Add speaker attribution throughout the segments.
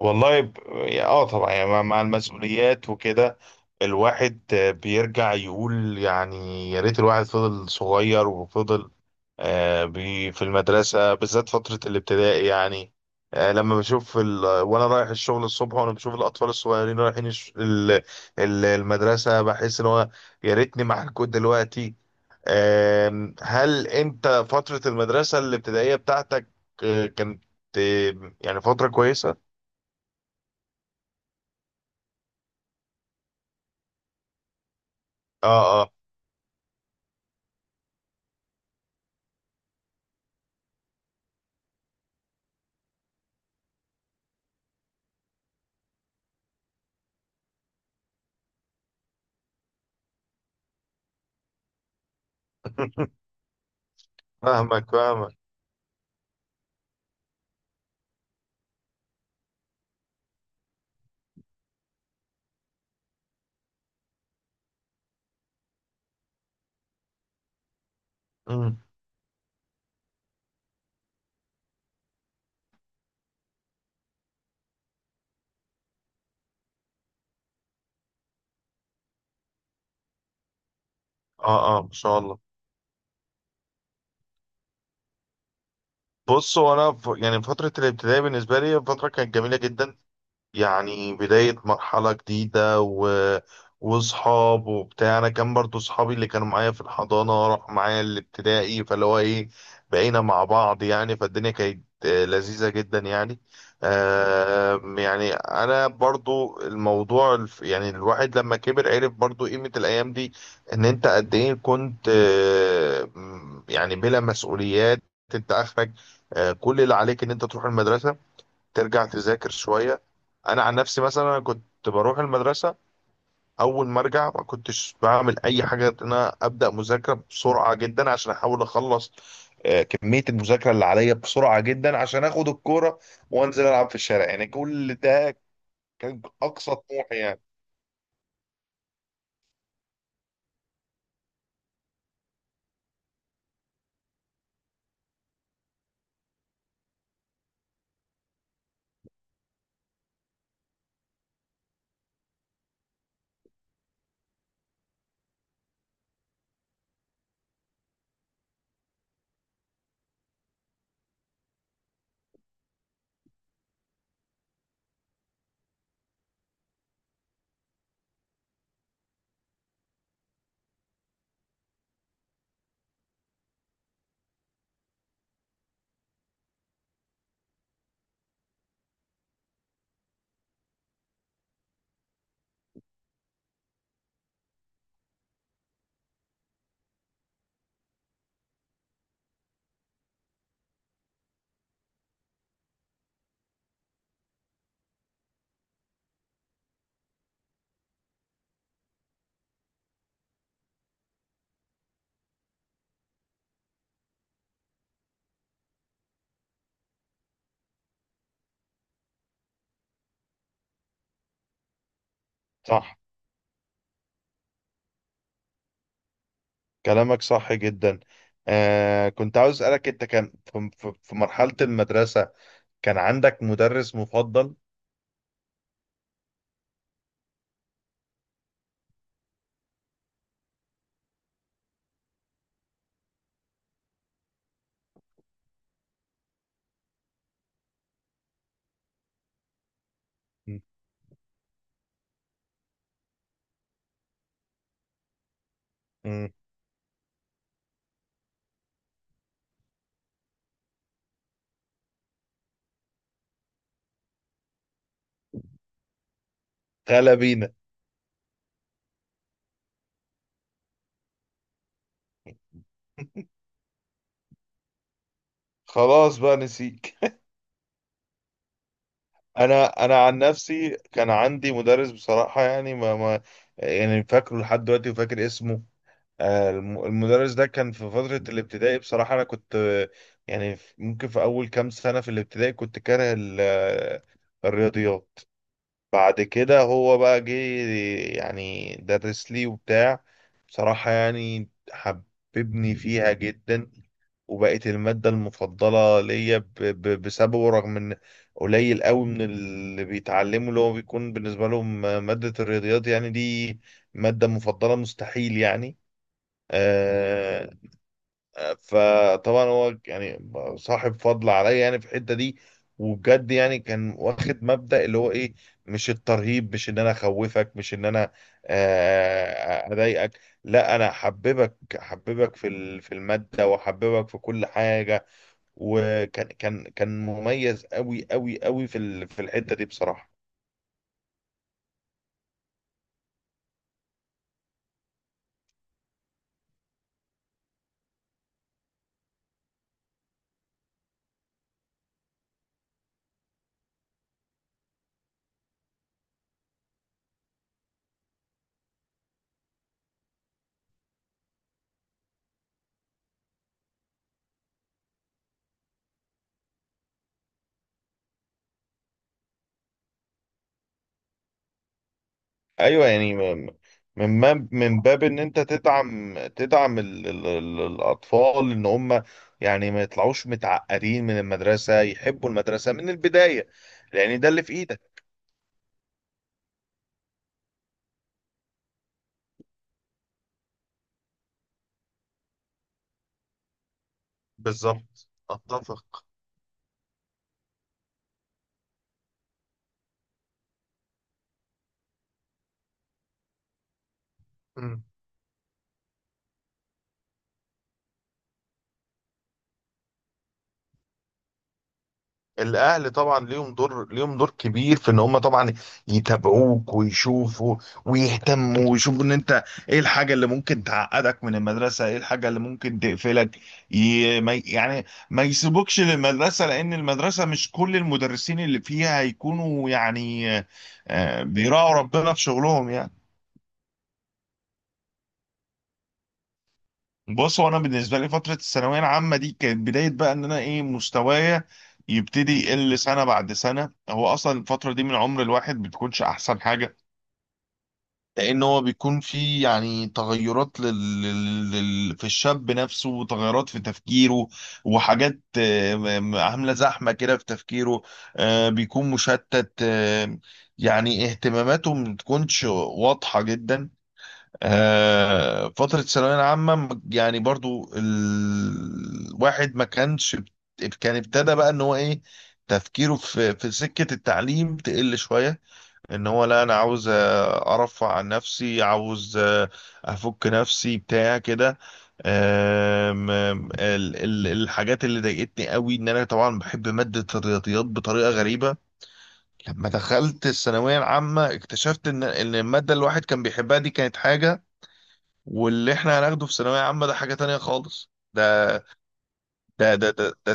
Speaker 1: والله اه، طبعا يعني مع المسؤوليات وكده. الواحد بيرجع يقول يعني يا ريت الواحد فضل صغير وفضل. في المدرسة بالذات فترة الابتدائي يعني. لما بشوف وانا رايح الشغل الصبح وانا بشوف الاطفال الصغيرين رايحين المدرسة، بحس ان هو يا ريتني معاكم دلوقتي. هل انت فترة المدرسة الابتدائية بتاعتك كانت يعني فترة كويسة؟ اه، آه. فاهمك، فاهمك. امم. اه، اه، ما شاء الله. بص، هو انا يعني فتره الابتدائي بالنسبه لي فتره كانت جميله جدا. يعني بداية مرحلة جديدة وصحاب وبتاع. أنا كان برضو صحابي اللي كانوا معايا في الحضانة راحوا معايا الابتدائي، فاللي هو إيه بقينا مع بعض يعني، فالدنيا كانت لذيذة جدا يعني. يعني أنا برضو الموضوع، يعني الواحد لما كبر عرف برضو قيمة الأيام دي. إن أنت قد إيه كنت، يعني بلا مسؤوليات. أنت آخرك كل اللي عليك إن أنت تروح المدرسة، ترجع تذاكر شوية. أنا عن نفسي مثلا، أنا كنت بروح المدرسة أول ما أرجع ما كنتش بعمل أي حاجة غير إن أنا أبدأ مذاكرة بسرعة جدا عشان أحاول أخلص كمية المذاكرة اللي عليا بسرعة جدا عشان آخد الكورة وأنزل ألعب في الشارع يعني. كل ده كان أقصى طموحي يعني. صح. كلامك صح جدا. كنت عاوز أسألك، أنت كان في مرحلة المدرسة كان عندك مدرس مفضل؟ م- م. تعالى بينا. خلاص بقى، نسيك انا عن نفسي كان عندي مدرس بصراحة يعني، ما يعني فاكره لحد دلوقتي وفاكر اسمه. المدرس ده كان في فترة الابتدائي، بصراحة انا كنت، يعني ممكن في اول كام سنة في الابتدائي كنت كاره الرياضيات. بعد كده هو بقى جه يعني درس لي وبتاع، بصراحة يعني حببني فيها جدا. وبقت المادة المفضلة ليا بسببه، رغم ان قليل قوي من اللي بيتعلموا اللي هو بيكون بالنسبة لهم مادة الرياضيات يعني، دي مادة مفضلة مستحيل يعني. آه، فطبعا هو يعني صاحب فضل عليا يعني في الحتة دي. وبجد يعني كان واخد مبدأ اللي هو ايه، مش الترهيب، مش ان انا اخوفك، مش ان انا اضايقك. لا، انا احببك، احببك في في المادة، واحببك في كل حاجة. وكان، كان مميز قوي قوي قوي في في الحتة دي بصراحة. ايوه يعني، من باب ان انت تدعم، ال ال ال الاطفال، ان هم يعني ما يطلعوش متعقدين من المدرسة، يحبوا المدرسة من البداية، لان ده اللي في ايدك. بالظبط، اتفق. الاهل طبعا ليهم دور كبير في ان هم طبعا يتابعوك ويشوفوا، ويهتموا ويشوفوا ان انت ايه الحاجه اللي ممكن تعقدك من المدرسه، ايه الحاجه اللي ممكن تقفلك. ي... ما... يعني ما يسيبوكش للمدرسه، لان المدرسه مش كل المدرسين اللي فيها هيكونوا يعني بيراعوا ربنا في شغلهم يعني. بص، هو انا بالنسبه لي فتره الثانويه العامه دي كانت بدايه بقى ان انا ايه، مستوايا يبتدي يقل سنه بعد سنه. هو اصلا الفتره دي من عمر الواحد بتكونش احسن حاجه، لان هو بيكون في يعني تغيرات في الشاب نفسه، وتغيرات في تفكيره وحاجات عامله زحمه كده في تفكيره. بيكون مشتت، يعني اهتماماته ما بتكونش واضحه جدا. فترة الثانوية العامة يعني برضو الواحد ما كانش، كان ابتدى بقى ان هو ايه، تفكيره في سكة التعليم تقل شوية. ان هو لا، انا عاوز ارفع عن نفسي، عاوز افك نفسي بتاع كده. الحاجات اللي ضايقتني قوي ان انا طبعا بحب مادة الرياضيات بطريقة غريبة. لما دخلت الثانوية العامة اكتشفت ان المادة اللي الواحد كان بيحبها دي كانت حاجة، واللي احنا هناخده في ثانوية عامة ده حاجة تانية خالص. ده ده ده ده,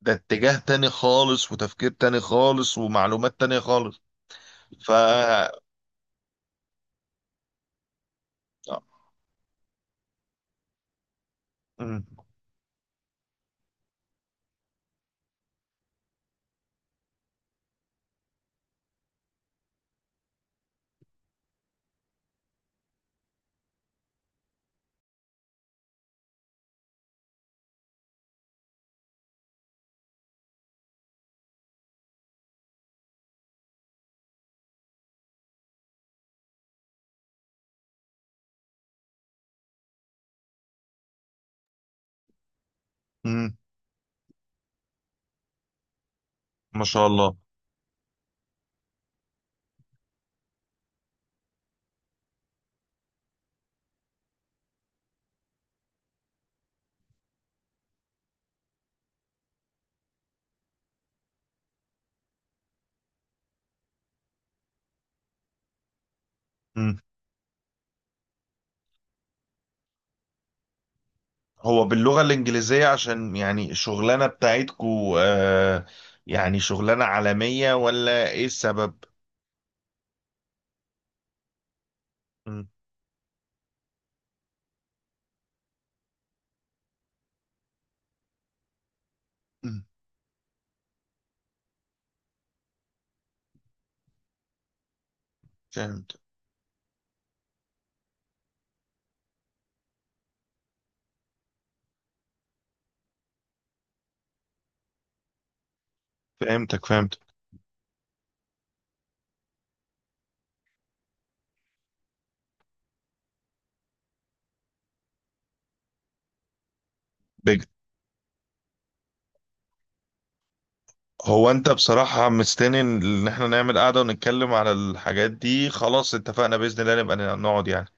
Speaker 1: ده اتجاه تاني خالص، وتفكير تاني خالص، ومعلومات تانية خالص. ف آه، مم. مم. ما شاء الله. مم. هو باللغة الإنجليزية عشان يعني الشغلانة بتاعتكو، يعني شغلانة عالمية ولا إيه السبب؟ مم. مم. فهمت. فهمتك، فهمت. هو انت بصراحة مستني ان احنا نعمل قعدة ونتكلم على الحاجات دي. خلاص، اتفقنا، بإذن الله نبقى نقعد يعني.